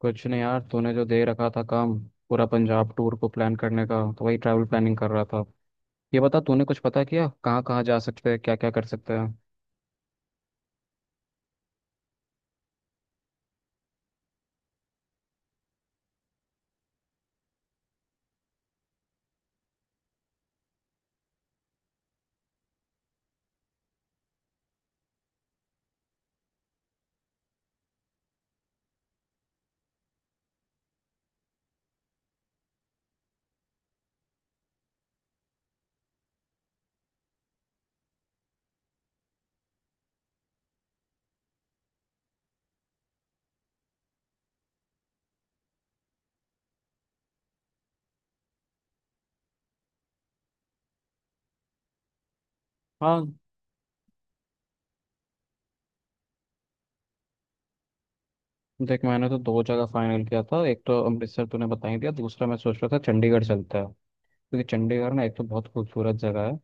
कुछ नहीं यार, तूने जो दे रखा था काम, पूरा पंजाब टूर को प्लान करने का, तो वही ट्रैवल प्लानिंग कर रहा था। ये बता, तूने कुछ पता किया कहाँ कहाँ जा सकते हैं, क्या क्या कर सकते हैं? हाँ, देख मैंने तो दो जगह फाइनल किया था। एक तो अमृतसर तूने बता ही दिया, दूसरा मैं सोच रहा था चंडीगढ़ चलता है। क्योंकि चंडीगढ़ ना एक तो बहुत खूबसूरत जगह है।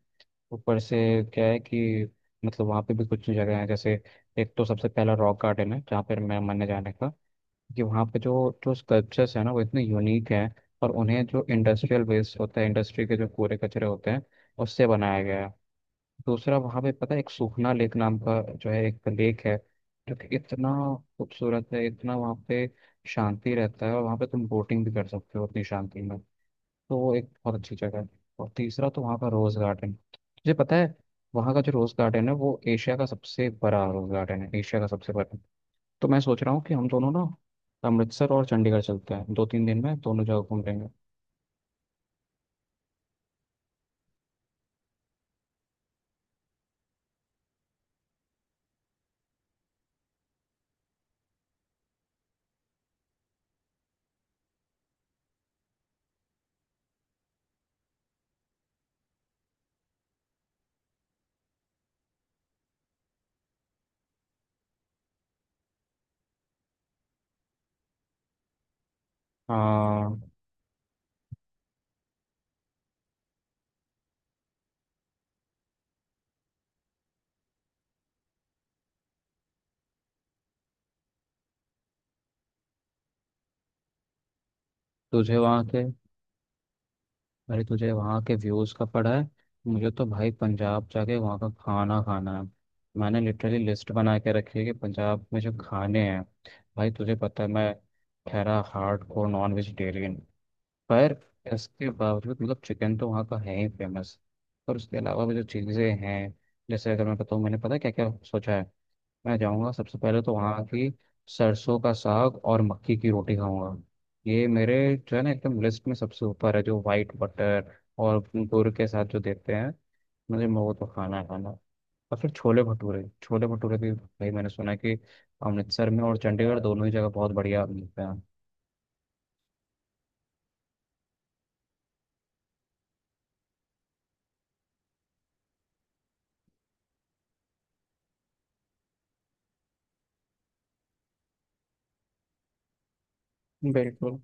ऊपर से क्या है कि मतलब वहाँ पे भी कुछ जगह है, जैसे एक तो सबसे पहला रॉक गार्डन है, जहाँ पर मैं मन है जाने का कि वहाँ पे जो जो स्कल्पचर्स है ना वो इतने यूनिक हैं। और उन्हें जो इंडस्ट्रियल वेस्ट होता है, इंडस्ट्री के जो कूड़े कचरे होते हैं, उससे बनाया गया है। दूसरा वहाँ पे पता है, एक सूखना लेक नाम का जो है, एक लेक है, जो कि इतना खूबसूरत है, इतना वहाँ पे शांति रहता है, और वहाँ पे तुम बोटिंग भी कर सकते हो उतनी शांति में। तो वो एक बहुत अच्छी जगह है। और तीसरा तो वहाँ का रोज़ गार्डन, तुझे पता है वहाँ का जो रोज़ गार्डन है वो एशिया का सबसे बड़ा रोज़ गार्डन है, एशिया का सबसे बड़ा। तो मैं सोच रहा हूँ कि हम दोनों ना अमृतसर और चंडीगढ़ चलते हैं, 2 3 दिन में दोनों जगह घूम लेंगे। हाँ। तुझे वहाँ के, अरे तुझे वहाँ के व्यूज़ का पड़ा है? मुझे तो भाई पंजाब जाके वहाँ का खाना खाना है। मैंने लिटरली लिस्ट बना के रखी है कि पंजाब में जो खाने हैं। भाई तुझे पता है, मैं ठहरा हार्ड कोर नॉन वेजिटेरियन। पर इसके बावजूद मतलब चिकन तो वहाँ का है ही फेमस, और उसके अलावा भी जो चीज़ें हैं। जैसे अगर मैं बताऊँ, मैंने पता है क्या क्या सोचा है। मैं जाऊंगा सबसे पहले तो वहाँ की सरसों का साग और मक्की की रोटी खाऊंगा। ये मेरे जो है ना, एकदम लिस्ट में सबसे ऊपर है, जो वाइट बटर और गुड़ के साथ जो देते हैं, मुझे वो तो खाना है खाना है। और फिर छोले भटूरे, छोले भटूरे भी भाई मैंने सुना है कि अमृतसर में और चंडीगढ़ दोनों ही जगह बहुत बढ़िया मिलते हैं। बिल्कुल।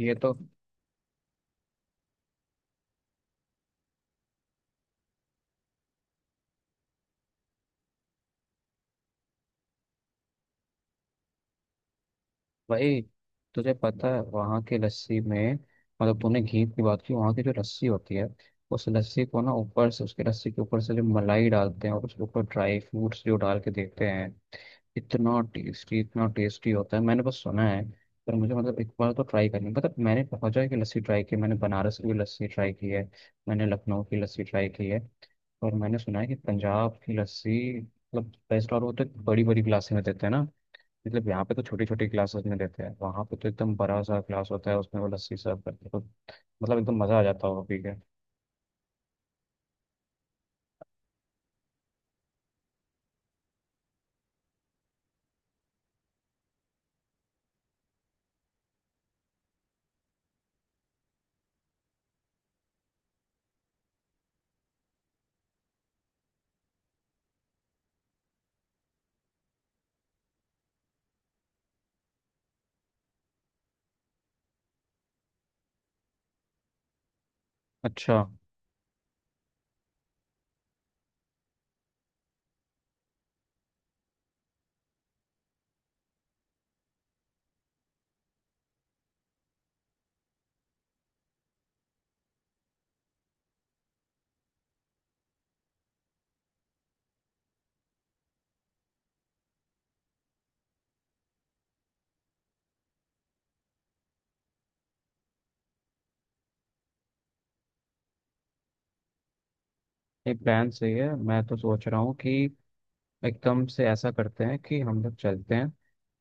ये तो, भाई तुझे पता है वहाँ की लस्सी में, मतलब तूने घी की बात की, वहाँ की जो लस्सी होती है उस लस्सी को ना ऊपर से, उसके लस्सी के ऊपर से जो मलाई डालते हैं और उसके ऊपर ड्राई फ्रूट्स जो डाल के देते हैं, इतना टेस्टी होता है। मैंने बस सुना है। पर मुझे मतलब एक बार तो ट्राई करनी, मतलब मैंने बहुत जगह की लस्सी ट्राई की है, मैंने बनारस की भी लस्सी ट्राई की है, मैंने लखनऊ की लस्सी ट्राई की है। और मैंने सुना है कि पंजाब की लस्सी मतलब बेस्ट, और वो तो बड़ी बड़ी गिलास में देते हैं ना। मतलब यहाँ पे तो छोटी छोटी क्लासेस में देते हैं, वहाँ पे तो एकदम बड़ा सा क्लास होता है, उसमें वो लस्सी सर्व करते हैं, तो मतलब एकदम मज़ा आ जाता होगा पी के। अच्छा। ये प्लान सही है, मैं तो सोच रहा हूँ कि एकदम से ऐसा करते हैं कि हम लोग चलते हैं,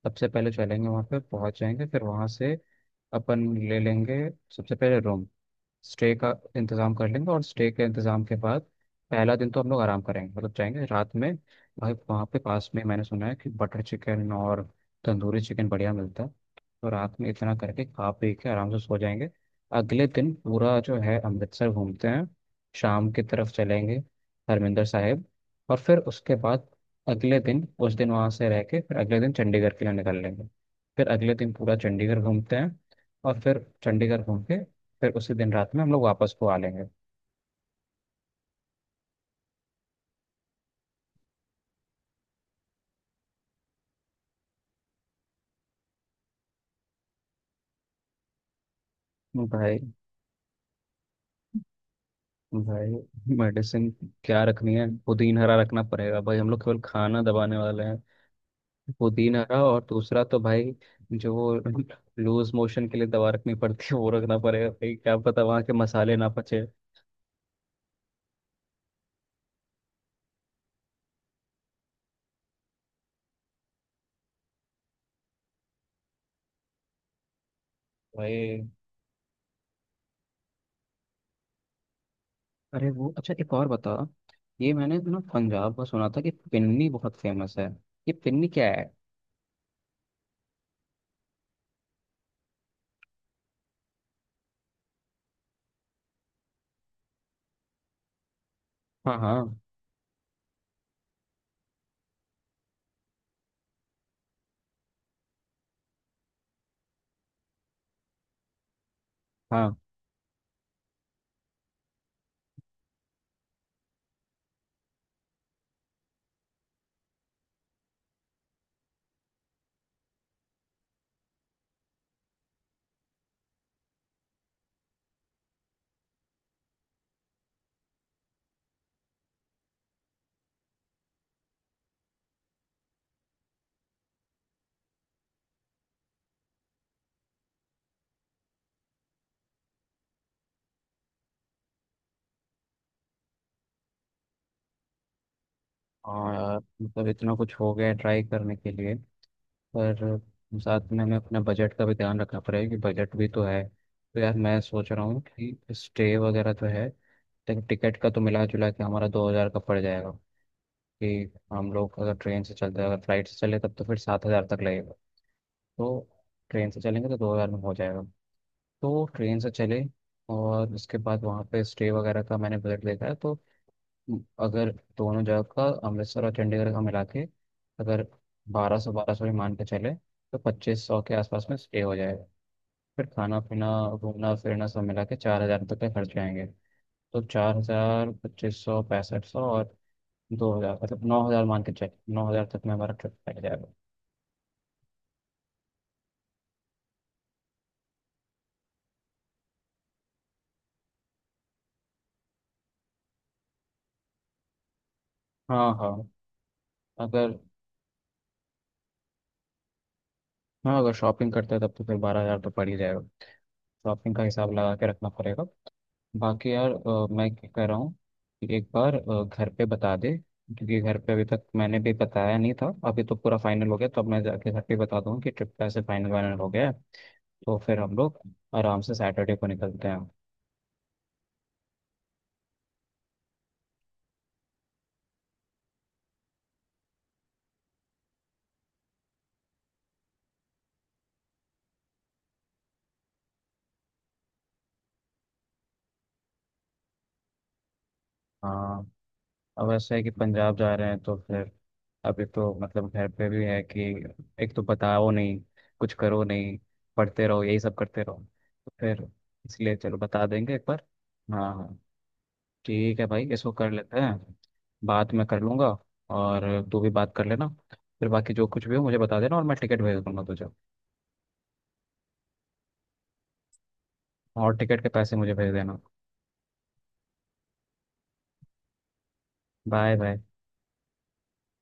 सबसे पहले चलेंगे वहाँ पे पहुँच जाएंगे, फिर वहाँ से अपन ले लेंगे सबसे पहले रूम, स्टे का इंतज़ाम कर लेंगे, और स्टे के इंतज़ाम के बाद पहला दिन तो हम लोग आराम करेंगे, मतलब जाएंगे रात में। भाई वहाँ पे पास में मैंने सुना है कि बटर चिकन और तंदूरी चिकन बढ़िया मिलता है, तो रात में इतना करके खा पी के आराम से सो जाएंगे। अगले दिन पूरा जो है अमृतसर घूमते हैं। शाम की तरफ चलेंगे हरमिंदर साहिब, और फिर उसके बाद अगले दिन, उस दिन वहाँ से रह के फिर अगले दिन चंडीगढ़ के लिए निकल लेंगे। फिर अगले दिन पूरा चंडीगढ़ घूमते हैं, और फिर चंडीगढ़ घूम के फिर उसी दिन रात में हम लोग वापस को आ लेंगे। भाई, भाई मेडिसिन क्या रखनी है? पुदीन हरा रखना पड़ेगा भाई, हम लोग केवल खाना दबाने वाले हैं। पुदीन हरा, और दूसरा तो भाई जो वो लूज मोशन के लिए दवा रखनी पड़ती है वो रखना पड़ेगा, भाई क्या पता वहाँ के मसाले ना पचे। भाई, अरे वो अच्छा एक और बता, ये मैंने ना पंजाब में सुना था कि पिन्नी बहुत फेमस है। ये पिन्नी क्या है? हाँ, हाँ, हाँ। और यार, मतलब इतना कुछ हो गया ट्राई करने के लिए। पर साथ में हमें अपने बजट का भी ध्यान रखना पड़ेगा, कि बजट भी तो है, तो यार मैं सोच रहा हूँ कि स्टे वगैरह तो है, लेकिन टिकट का तो मिला जुला के हमारा 2,000 का पड़ जाएगा। कि हम लोग अगर ट्रेन से चलते हैं, अगर फ्लाइट से चले तब तो फिर 7,000 तक लगेगा, तो ट्रेन से चलेंगे तो 2,000 में हो जाएगा, तो ट्रेन से चले। और उसके बाद वहाँ पे स्टे वगैरह का मैंने बजट देखा है, तो अगर दोनों जगह का अमृतसर और चंडीगढ़ का मिला के अगर 1,200 1,200 भी मान के चले, तो 2,500 के आसपास में स्टे हो जाएगा। फिर खाना पीना घूमना फिरना सब मिला के 4,000 तक के खर्च आएंगे। तो 4,000 2,500 6,500 और 2,000, मतलब 9,000 मान के चले, 9,000 तक में हमारा ट्रिप पड़ जाएगा। हाँ, हाँ। अगर, हाँ, अगर शॉपिंग करते हैं तब तो फिर 12,000 तो पड़ ही जाएगा। शॉपिंग का हिसाब लगा के रखना पड़ेगा। बाकी यार, मैं क्या कह रहा हूँ कि एक बार घर पे बता दे, क्योंकि घर पे अभी तक मैंने भी बताया नहीं था, अभी तो पूरा फाइनल हो गया, तो अब मैं जाके घर पे बता दूँ कि ट्रिप का ऐसे फाइनल वाइनल हो गया है। तो फिर हम लोग आराम से सैटरडे को निकलते हैं। हाँ। अब ऐसा है कि पंजाब जा रहे हैं तो फिर अभी तो मतलब घर पे भी है कि एक तो बताओ नहीं, कुछ करो नहीं, पढ़ते रहो यही सब करते रहो। तो फिर इसलिए चलो बता देंगे एक बार। हाँ, हाँ, ठीक है भाई, इसको कर लेते हैं। बात मैं कर लूँगा, और तू भी बात कर लेना। फिर बाकी जो कुछ भी हो मुझे बता देना, और मैं टिकट भेज दूंगा तुझे। और टिकट के पैसे मुझे भेज देना। Bye bye.